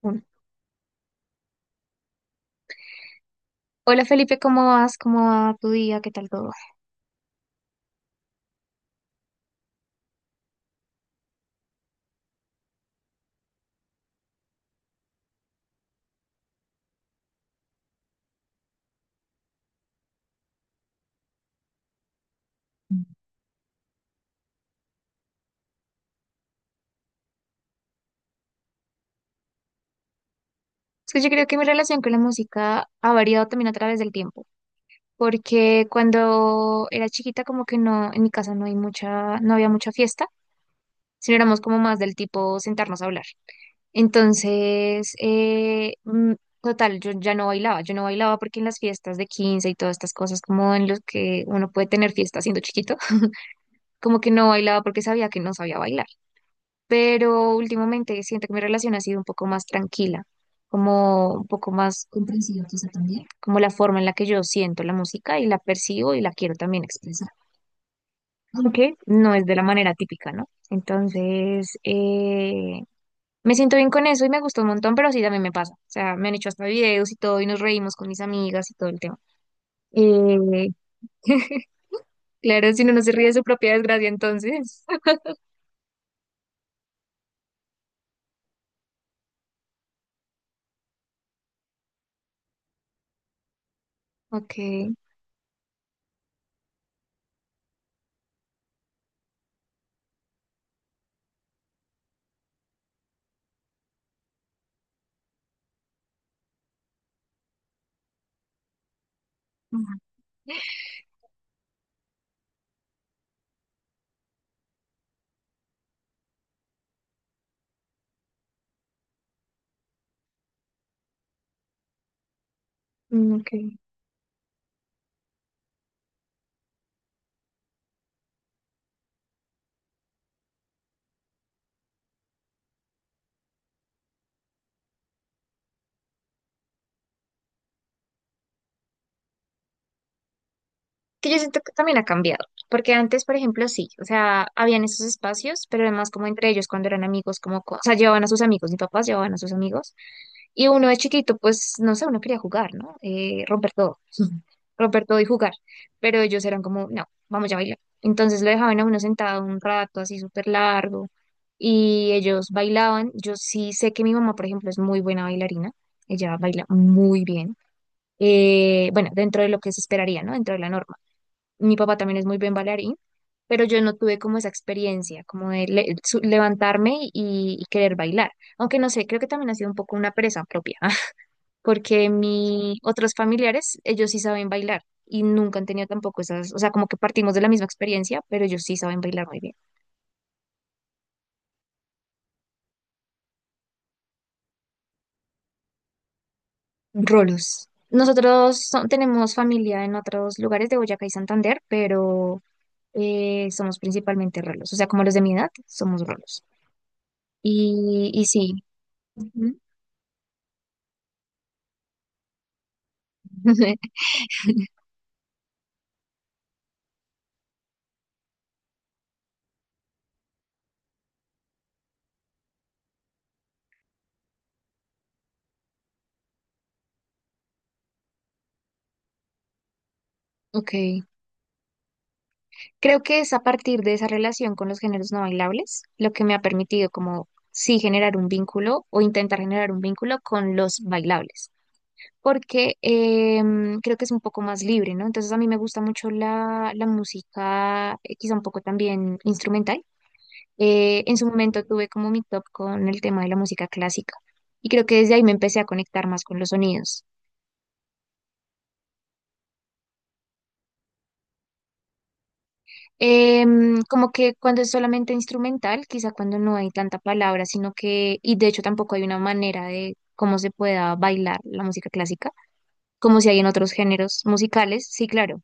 Bueno. Hola, Felipe, ¿cómo vas? ¿Cómo va tu día? ¿Qué tal todo? Es que yo creo que mi relación con la música ha variado también a través del tiempo, porque cuando era chiquita como que no, en mi casa no había mucha fiesta, sino éramos como más del tipo sentarnos a hablar. Entonces, total, yo no bailaba porque en las fiestas de 15 y todas estas cosas como en los que uno puede tener fiesta siendo chiquito, como que no bailaba porque sabía que no sabía bailar. Pero últimamente siento que mi relación ha sido un poco más tranquila, como un poco más comprensiva quizá también, como la forma en la que yo siento la música y la percibo y la quiero también expresar, aunque no es de la manera típica, ¿no? Entonces, me siento bien con eso y me gusta un montón, pero sí también me pasa, o sea, me han hecho hasta videos y todo y nos reímos con mis amigas y todo el tema. Eh, claro, si uno no se ríe de su propia desgracia, entonces. Ok. Ujú. Mm, ok. Que yo siento que también ha cambiado, porque antes, por ejemplo, sí, o sea, habían esos espacios, pero además como entre ellos cuando eran amigos, como, o sea, llevaban a sus amigos, mis papás llevaban a sus amigos, y uno de chiquito, pues, no sé, uno quería jugar, ¿no? Romper todo, romper todo y jugar, pero ellos eran como, no, vamos ya a bailar. Entonces lo dejaban a uno sentado un rato así súper largo y ellos bailaban. Yo sí sé que mi mamá, por ejemplo, es muy buena bailarina, ella baila muy bien. Bueno, dentro de lo que se esperaría, ¿no? Dentro de la norma, mi papá también es muy buen bailarín, pero yo no tuve como esa experiencia, como de levantarme y querer bailar. Aunque no sé, creo que también ha sido un poco una presa propia, porque mis otros familiares, ellos sí saben bailar y nunca han tenido tampoco esas, o sea, como que partimos de la misma experiencia, pero ellos sí saben bailar muy bien. Rolos. Nosotros tenemos familia en otros lugares de Boyacá y Santander, pero somos principalmente rolos, o sea, como los de mi edad, somos rolos. Y sí. Ujú. Ok, creo que es a partir de esa relación con los géneros no bailables lo que me ha permitido como sí generar un vínculo o intentar generar un vínculo con los bailables, porque creo que es un poco más libre, ¿no? Entonces a mí me gusta mucho la música, quizá un poco también instrumental. En su momento tuve como mi top con el tema de la música clásica y creo que desde ahí me empecé a conectar más con los sonidos. Como que cuando es solamente instrumental, quizá cuando no hay tanta palabra, sino que, y de hecho tampoco hay una manera de cómo se pueda bailar la música clásica, como si hay en otros géneros musicales, sí, claro,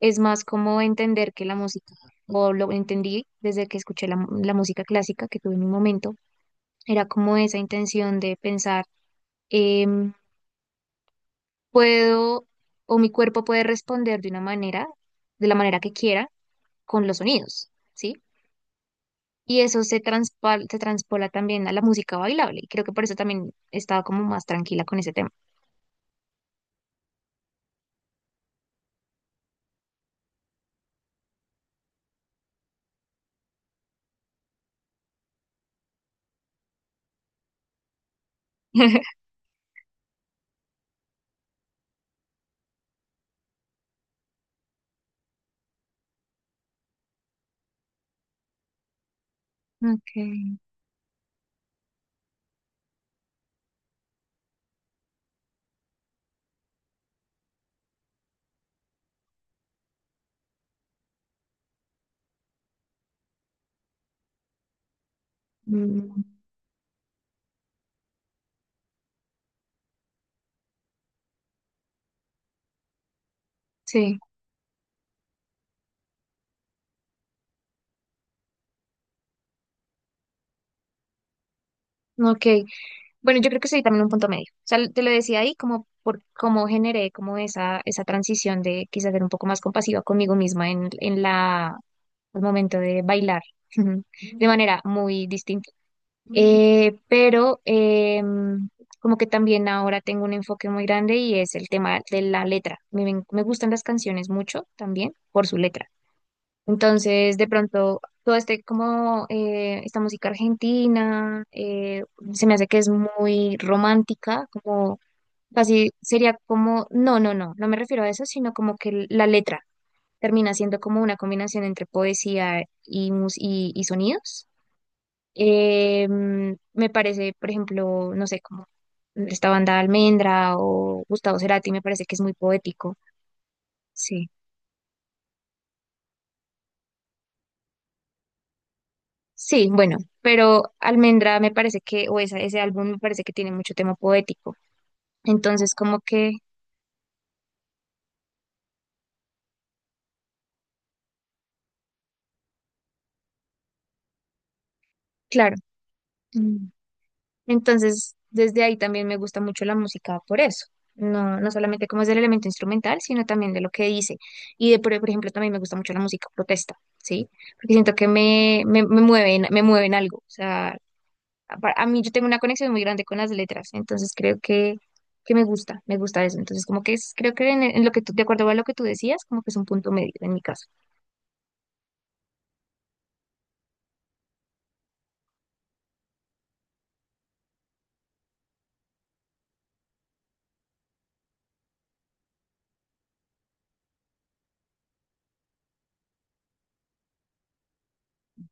es más como entender que la música, o lo entendí desde que escuché la música clásica que tuve en un momento, era como esa intención de pensar, em, puedo, o mi cuerpo puede responder de una manera, de la manera que quiera, con los sonidos. ¿Sí? Y eso se, transpa se transpola también a la música bailable. Y creo que por eso también estaba como más tranquila con ese tema. Okay. Mm, sí, ok. Bueno, yo creo que soy también un punto medio. O sea, te lo decía ahí como por cómo generé como esa transición de quizás ser un poco más compasiva conmigo misma el momento de bailar. De manera muy distinta. Pero como que también ahora tengo un enfoque muy grande y es el tema de la letra. Me gustan las canciones mucho también por su letra. Entonces, de pronto, todo este como esta música argentina se me hace que es muy romántica, como casi sería como, no, no, no, no me refiero a eso, sino como que la letra termina siendo como una combinación entre poesía y, y sonidos. Me parece, por ejemplo, no sé, como esta banda Almendra o Gustavo Cerati, me parece que es muy poético. Sí, sí, bueno, pero Almendra me parece que, o esa, ese álbum me parece que tiene mucho tema poético. Entonces, como que, claro. Mm, entonces, desde ahí también me gusta mucho la música por eso. No, no solamente como es del elemento instrumental, sino también de lo que dice. Y de, por ejemplo, también me gusta mucho la música protesta, ¿sí? Porque siento que me mueven algo, o sea, a mí yo tengo una conexión muy grande con las letras, entonces creo que me gusta eso. Entonces, como que es, creo que en lo que tú, de acuerdo a lo que tú decías, como que es un punto medio en mi caso.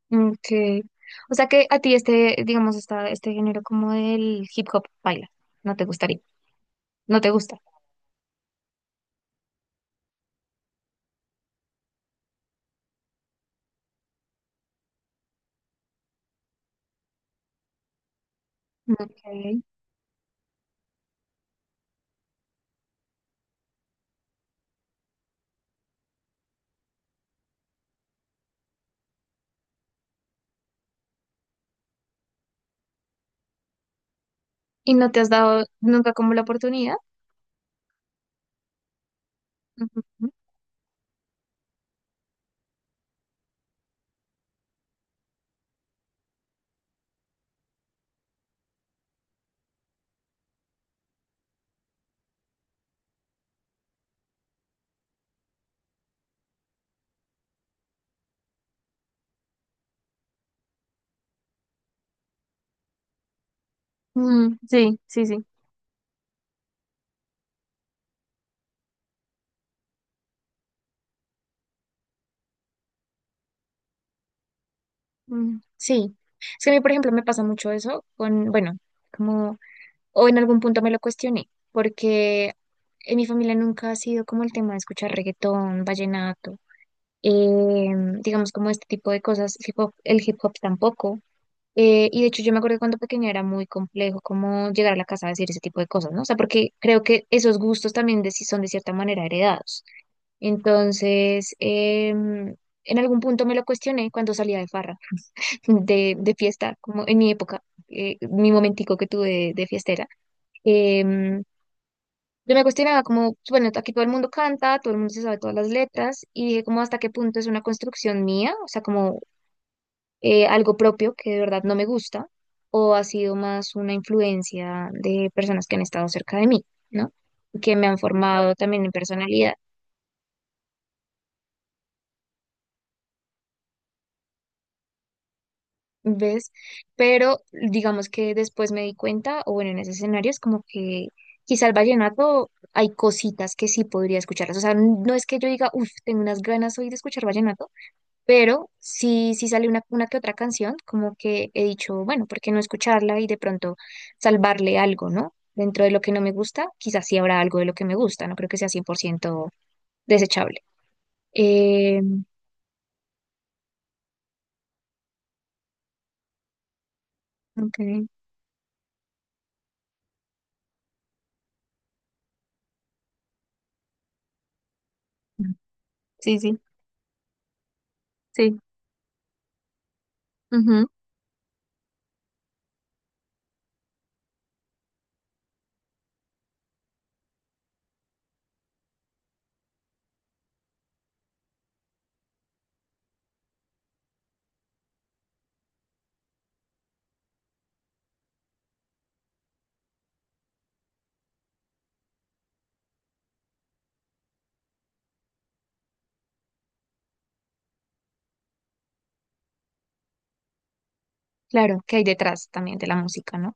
Mm, o sea que a ti este, digamos, este género como del hip hop baila, no te gustaría, no te gusta. Ok. ¿Y no te has dado nunca como la oportunidad? Ujú. Mm, sí, sí, sí. Mm, sí. Es que a mí, por ejemplo, me pasa mucho eso con, bueno, como o en algún punto me lo cuestioné, porque en mi familia nunca ha sido como el tema de escuchar reggaetón, vallenato, eh, digamos como este tipo de cosas, el hip hop tampoco. Y de hecho yo me acuerdo que cuando pequeña era muy complejo como llegar a la casa a decir ese tipo de cosas, ¿no? O sea, porque creo que esos gustos también de, si son de cierta manera heredados. Entonces, en algún punto me lo cuestioné cuando salía de farra, de fiesta, como en mi época, mi momentico que tuve de fiestera. em, yo me cuestionaba como, bueno, aquí todo el mundo canta, todo el mundo se sabe todas las letras, y dije como hasta qué punto es una construcción mía, o sea, como algo propio que de verdad no me gusta, o ha sido más una influencia de personas que han estado cerca de mí, ¿no? Que me han formado también en personalidad, ¿ves? Pero digamos que después me di cuenta, o bueno, en ese escenario es como que quizá el vallenato hay cositas que sí podría escucharlas, o sea, no es que yo diga, uff, tengo unas ganas hoy de escuchar vallenato, pero sí, sí sale una que otra canción, como que he dicho, bueno, ¿por qué no escucharla y de pronto salvarle algo?, ¿no? Dentro de lo que no me gusta, quizás sí habrá algo de lo que me gusta, no creo que sea 100% desechable. Eh, ok, mm, sí, sí, sí. Ujú. Claro, que hay detrás también de la música, ¿no?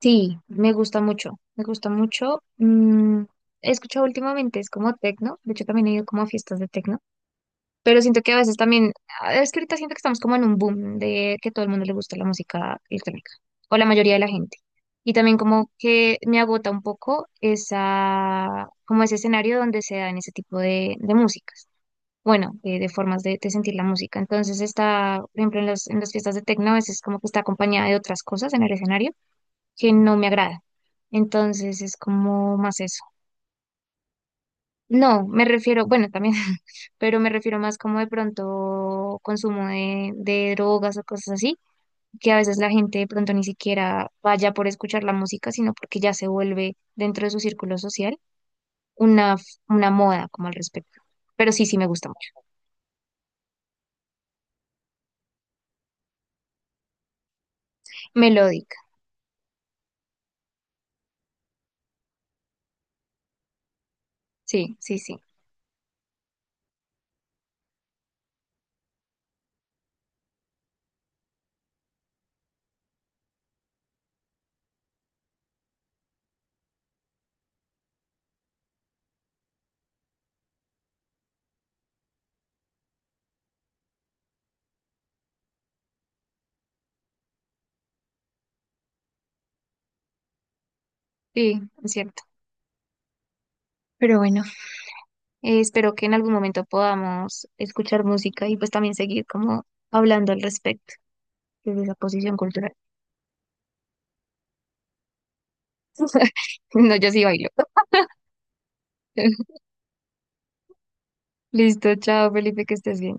Sí, me gusta mucho, me gusta mucho. He escuchado últimamente, es como tecno, de hecho también he ido como a fiestas de tecno. Pero siento que a veces también, ah, es que ahorita siento que estamos como en un boom de que todo el mundo le gusta la música electrónica, o la mayoría de la gente. Y también como que me agota un poco esa, como ese escenario donde se dan ese tipo de músicas. Bueno, de formas de sentir la música. Entonces está, por ejemplo, en las, fiestas de tecno, a veces como que está acompañada de otras cosas en el escenario que no me agrada. Entonces es como más eso. No, me refiero, bueno, también, pero me refiero más como de pronto consumo de drogas o cosas así, que a veces la gente de pronto ni siquiera vaya por escuchar la música, sino porque ya se vuelve dentro de su círculo social una, una moda como al respecto. Pero sí, sí me gusta mucho. Melódica, sí, sí, sí, sí, es cierto. Pero bueno, espero que en algún momento podamos escuchar música y pues también seguir como hablando al respecto desde esa posición cultural. No, yo sí bailo. Listo, chao, Felipe, que estés bien.